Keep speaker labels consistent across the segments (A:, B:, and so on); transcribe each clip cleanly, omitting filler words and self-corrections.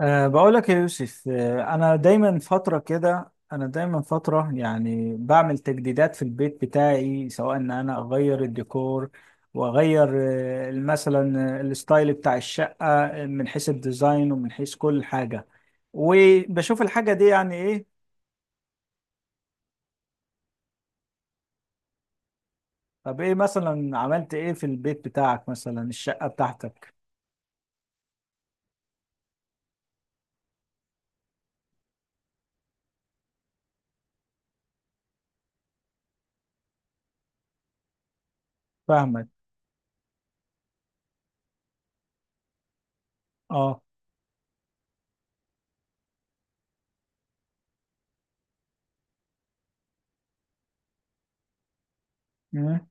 A: بقول لك يا يوسف، أنا دايما فترة كده، أنا دايما فترة يعني بعمل تجديدات في البيت بتاعي، سواء إن أنا أغير الديكور وأغير مثلا الستايل بتاع الشقة، من حيث الديزاين ومن حيث كل حاجة، وبشوف الحاجة دي يعني إيه. طب إيه مثلا عملت إيه في البيت بتاعك؟ مثلا الشقة بتاعتك. فاهمك. أه. مم.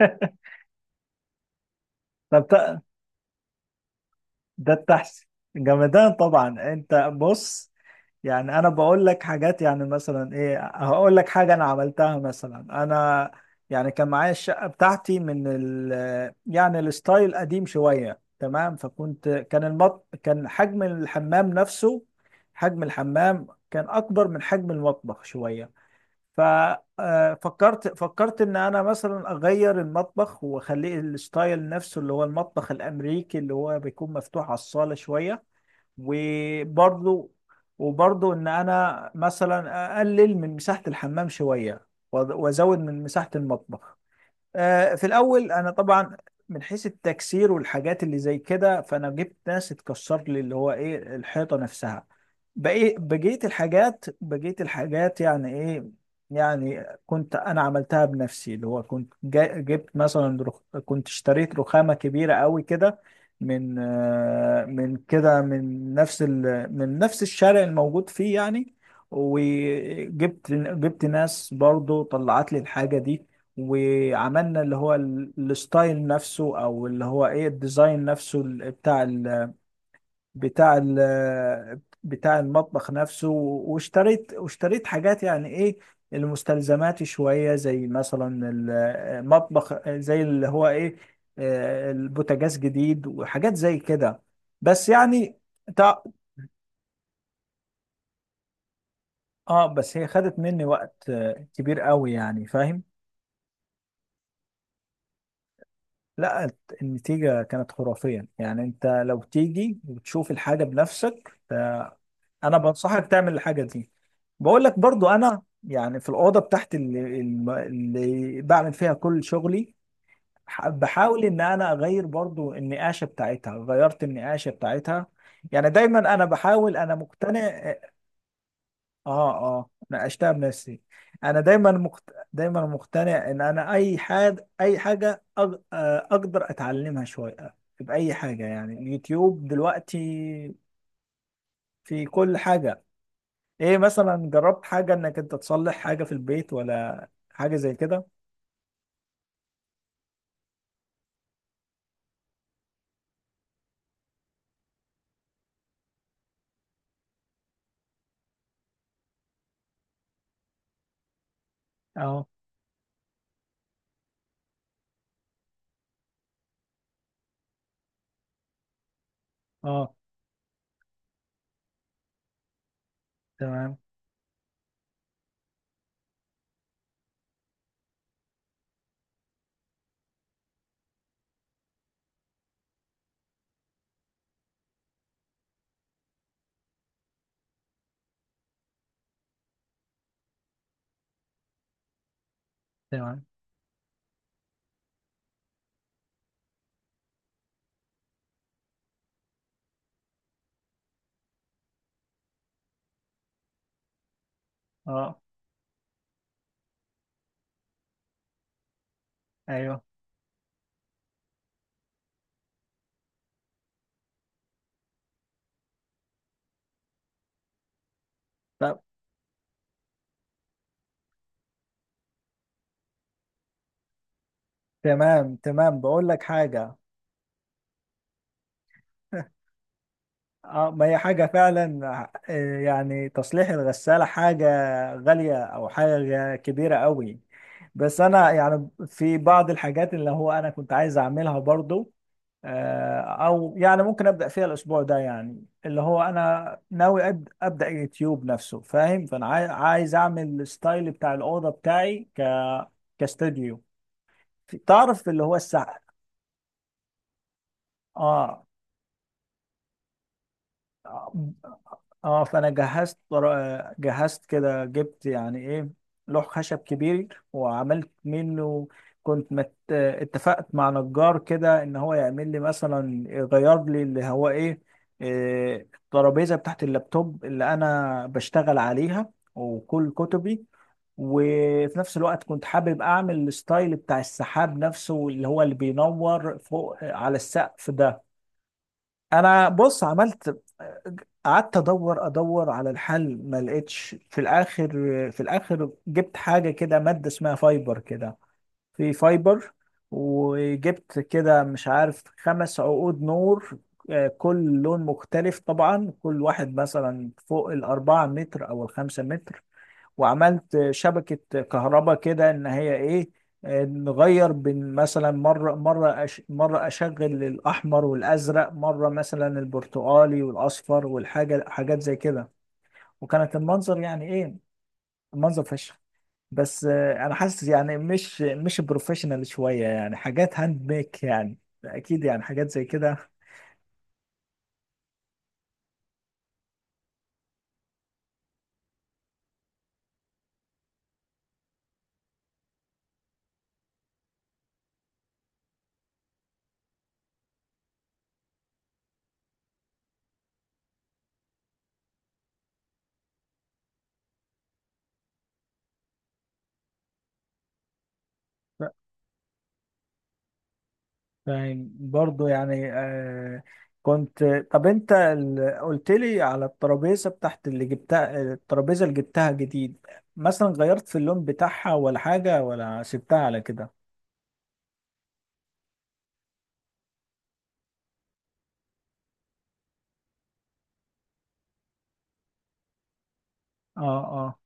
A: طب ده التحسي. جمدان طبعا. انت بص، يعني انا بقول لك حاجات، يعني مثلا ايه، هقول لك حاجه انا عملتها مثلا. انا يعني كان معايا الشقه بتاعتي من ال، يعني الستايل قديم شويه، تمام. فكنت كان المط كان حجم الحمام نفسه، حجم الحمام كان اكبر من حجم المطبخ شويه. ففكرت ان انا مثلا اغير المطبخ واخليه الستايل نفسه، اللي هو المطبخ الامريكي، اللي هو بيكون مفتوح على الصاله شويه. وبرضو وبرضو ان انا مثلا اقلل من مساحه الحمام شويه، وازود من مساحه المطبخ. في الاول انا طبعا من حيث التكسير والحاجات اللي زي كده، فانا جبت ناس تكسر لي اللي هو ايه، الحيطه نفسها. بقيت الحاجات يعني ايه، يعني كنت انا عملتها بنفسي، اللي هو كنت جبت مثلا كنت اشتريت رخامه كبيره قوي كده، من من كده من نفس من نفس الشارع الموجود فيه يعني. وجبت ناس برضو طلعت لي الحاجه دي. وعملنا اللي هو الستايل نفسه، او اللي هو ايه، الديزاين نفسه، ال- بتاع ال بتاع ال بتاع المطبخ نفسه. واشتريت حاجات يعني ايه، المستلزمات شوية، زي مثلا المطبخ، زي اللي هو ايه، البوتاجاز جديد وحاجات زي كده. بس يعني تع- اه، بس هي خدت مني وقت كبير قوي، يعني فاهم. لا، النتيجة كانت خرافية. يعني انت لو تيجي وتشوف الحاجة بنفسك، انا بنصحك تعمل الحاجة دي. بقول لك برضو، انا يعني في الأوضة بتاعتي اللي بعمل فيها كل شغلي، بحاول ان انا اغير برضو النقاشة بتاعتها. غيرت النقاشة بتاعتها، يعني دايما انا بحاول، انا مقتنع. اه. اه، ناقشتها بنفسي. انا دايما مقت... دايما مقتنع ان انا اي حاجه، اي حاجه اقدر اتعلمها شويه، باي حاجه. يعني اليوتيوب دلوقتي في كل حاجه. ايه مثلا، جربت حاجه انك انت تصلح حاجه في البيت ولا حاجه زي كده؟ اه. اه، تمام تمام. اه، ايوه. طب تمام تمام، بقول لك حاجه. اه، ما هي حاجة فعلا. يعني تصليح الغسالة حاجة غالية أو حاجة كبيرة قوي. بس أنا يعني في بعض الحاجات اللي هو أنا كنت عايز أعملها برضو. أو يعني ممكن أبدأ فيها الأسبوع ده، يعني اللي هو أنا ناوي أبدأ يوتيوب نفسه، فاهم. فأنا عايز أعمل الستايل بتاع الأوضة بتاعي كاستوديو، تعرف اللي هو الساعة. اه، فانا جهزت جهزت كده، جبت يعني ايه، لوح خشب كبير وعملت منه. كنت اتفقت مع نجار كده ان هو يعمل لي مثلا، يغير لي اللي هو ايه، الترابيزه بتاعت اللابتوب اللي انا بشتغل عليها وكل كتبي. وفي نفس الوقت كنت حابب اعمل الستايل بتاع السحاب نفسه، اللي هو اللي بينور فوق على السقف ده. انا بص عملت، قعدت ادور على الحل، ما لقيتش في الاخر جبت حاجه كده، ماده اسمها فايبر كده، في فايبر. وجبت كده، مش عارف، خمس عقود نور، كل لون مختلف طبعا، كل واحد مثلا فوق الأربعة متر أو الخمسة متر. وعملت شبكة كهرباء كده، ان هي ايه، نغير بين، مثلا مرة مرة أش مرة اشغل الاحمر والازرق، مرة مثلا البرتقالي والاصفر، والحاجة حاجات زي كده. وكانت المنظر يعني ايه، المنظر فشخ. بس انا حاسس يعني مش بروفيشنال شوية، يعني حاجات هاند ميك يعني، اكيد يعني حاجات زي كده. فاهم برضو يعني آه. كنت، طب انت قلت لي على الترابيزه بتاعت اللي جبتها. الترابيزه اللي جبتها جديد، مثلا غيرت في اللون بتاعها ولا حاجه ولا سبتها على كده؟ اه.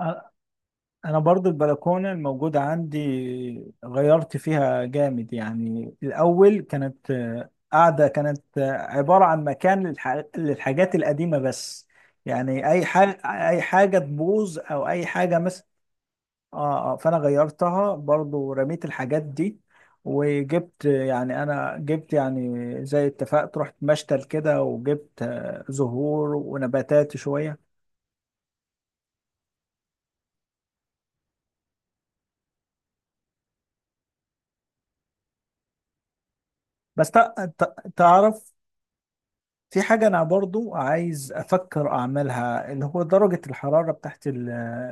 A: اه، انا برضو البلكونه الموجوده عندي غيرت فيها جامد. يعني الاول كانت قاعده، كانت عباره عن مكان للحاجات القديمه بس، يعني اي حاجه، اي حاجه تبوظ او اي حاجه. اه. اه، فانا غيرتها برضو، رميت الحاجات دي. وجبت يعني، انا جبت يعني زي، اتفقت رحت مشتل كده، وجبت زهور ونباتات شوية. بس تعرف، في حاجة انا برضو عايز افكر اعملها، اللي هو درجة الحرارة بتاعت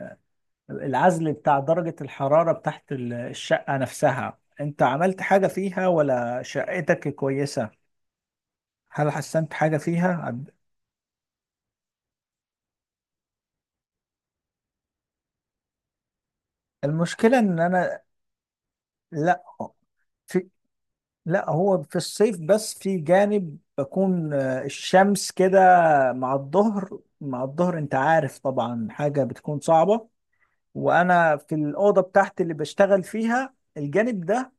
A: العزل، بتاع درجة الحرارة بتاعت الشقة نفسها. انت عملت حاجة فيها ولا شقتك كويسة؟ هل حسنت حاجة فيها؟ المشكلة ان انا، لا، لا، هو في الصيف بس. في جانب بكون الشمس كده مع الظهر، مع الظهر انت عارف طبعا، حاجة بتكون صعبة. وانا في الأوضة بتاعتي اللي بشتغل فيها، الجانب ده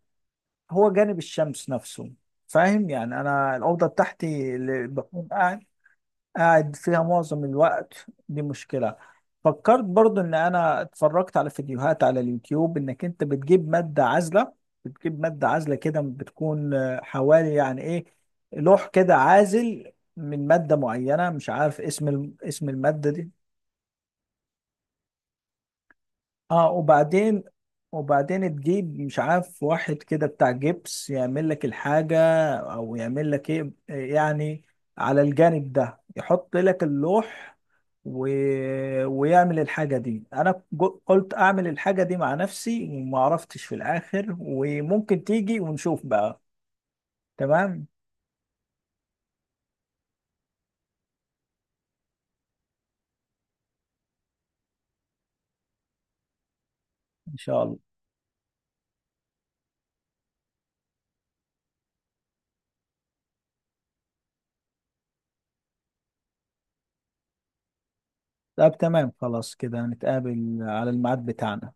A: هو جانب الشمس نفسه، فاهم. يعني انا الأوضة بتاعتي اللي بكون قاعد، قاعد فيها معظم الوقت، دي مشكلة. فكرت برضو ان انا اتفرجت على فيديوهات على اليوتيوب، انك انت بتجيب مادة عازلة. بتجيب مادة عازلة كده، بتكون حوالي يعني ايه، لوح كده عازل من مادة معينة. مش عارف اسم اسم المادة دي. اه، وبعدين، تجيب مش عارف واحد كده بتاع جبس، يعمل لك الحاجة او يعمل لك ايه، يعني على الجانب ده يحط لك اللوح، و... ويعمل الحاجة دي. انا قلت اعمل الحاجة دي مع نفسي وما عرفتش في الاخر. وممكن تيجي ونشوف بقى. تمام. ان شاء الله. طب تمام، خلاص كده نتقابل على الميعاد بتاعنا.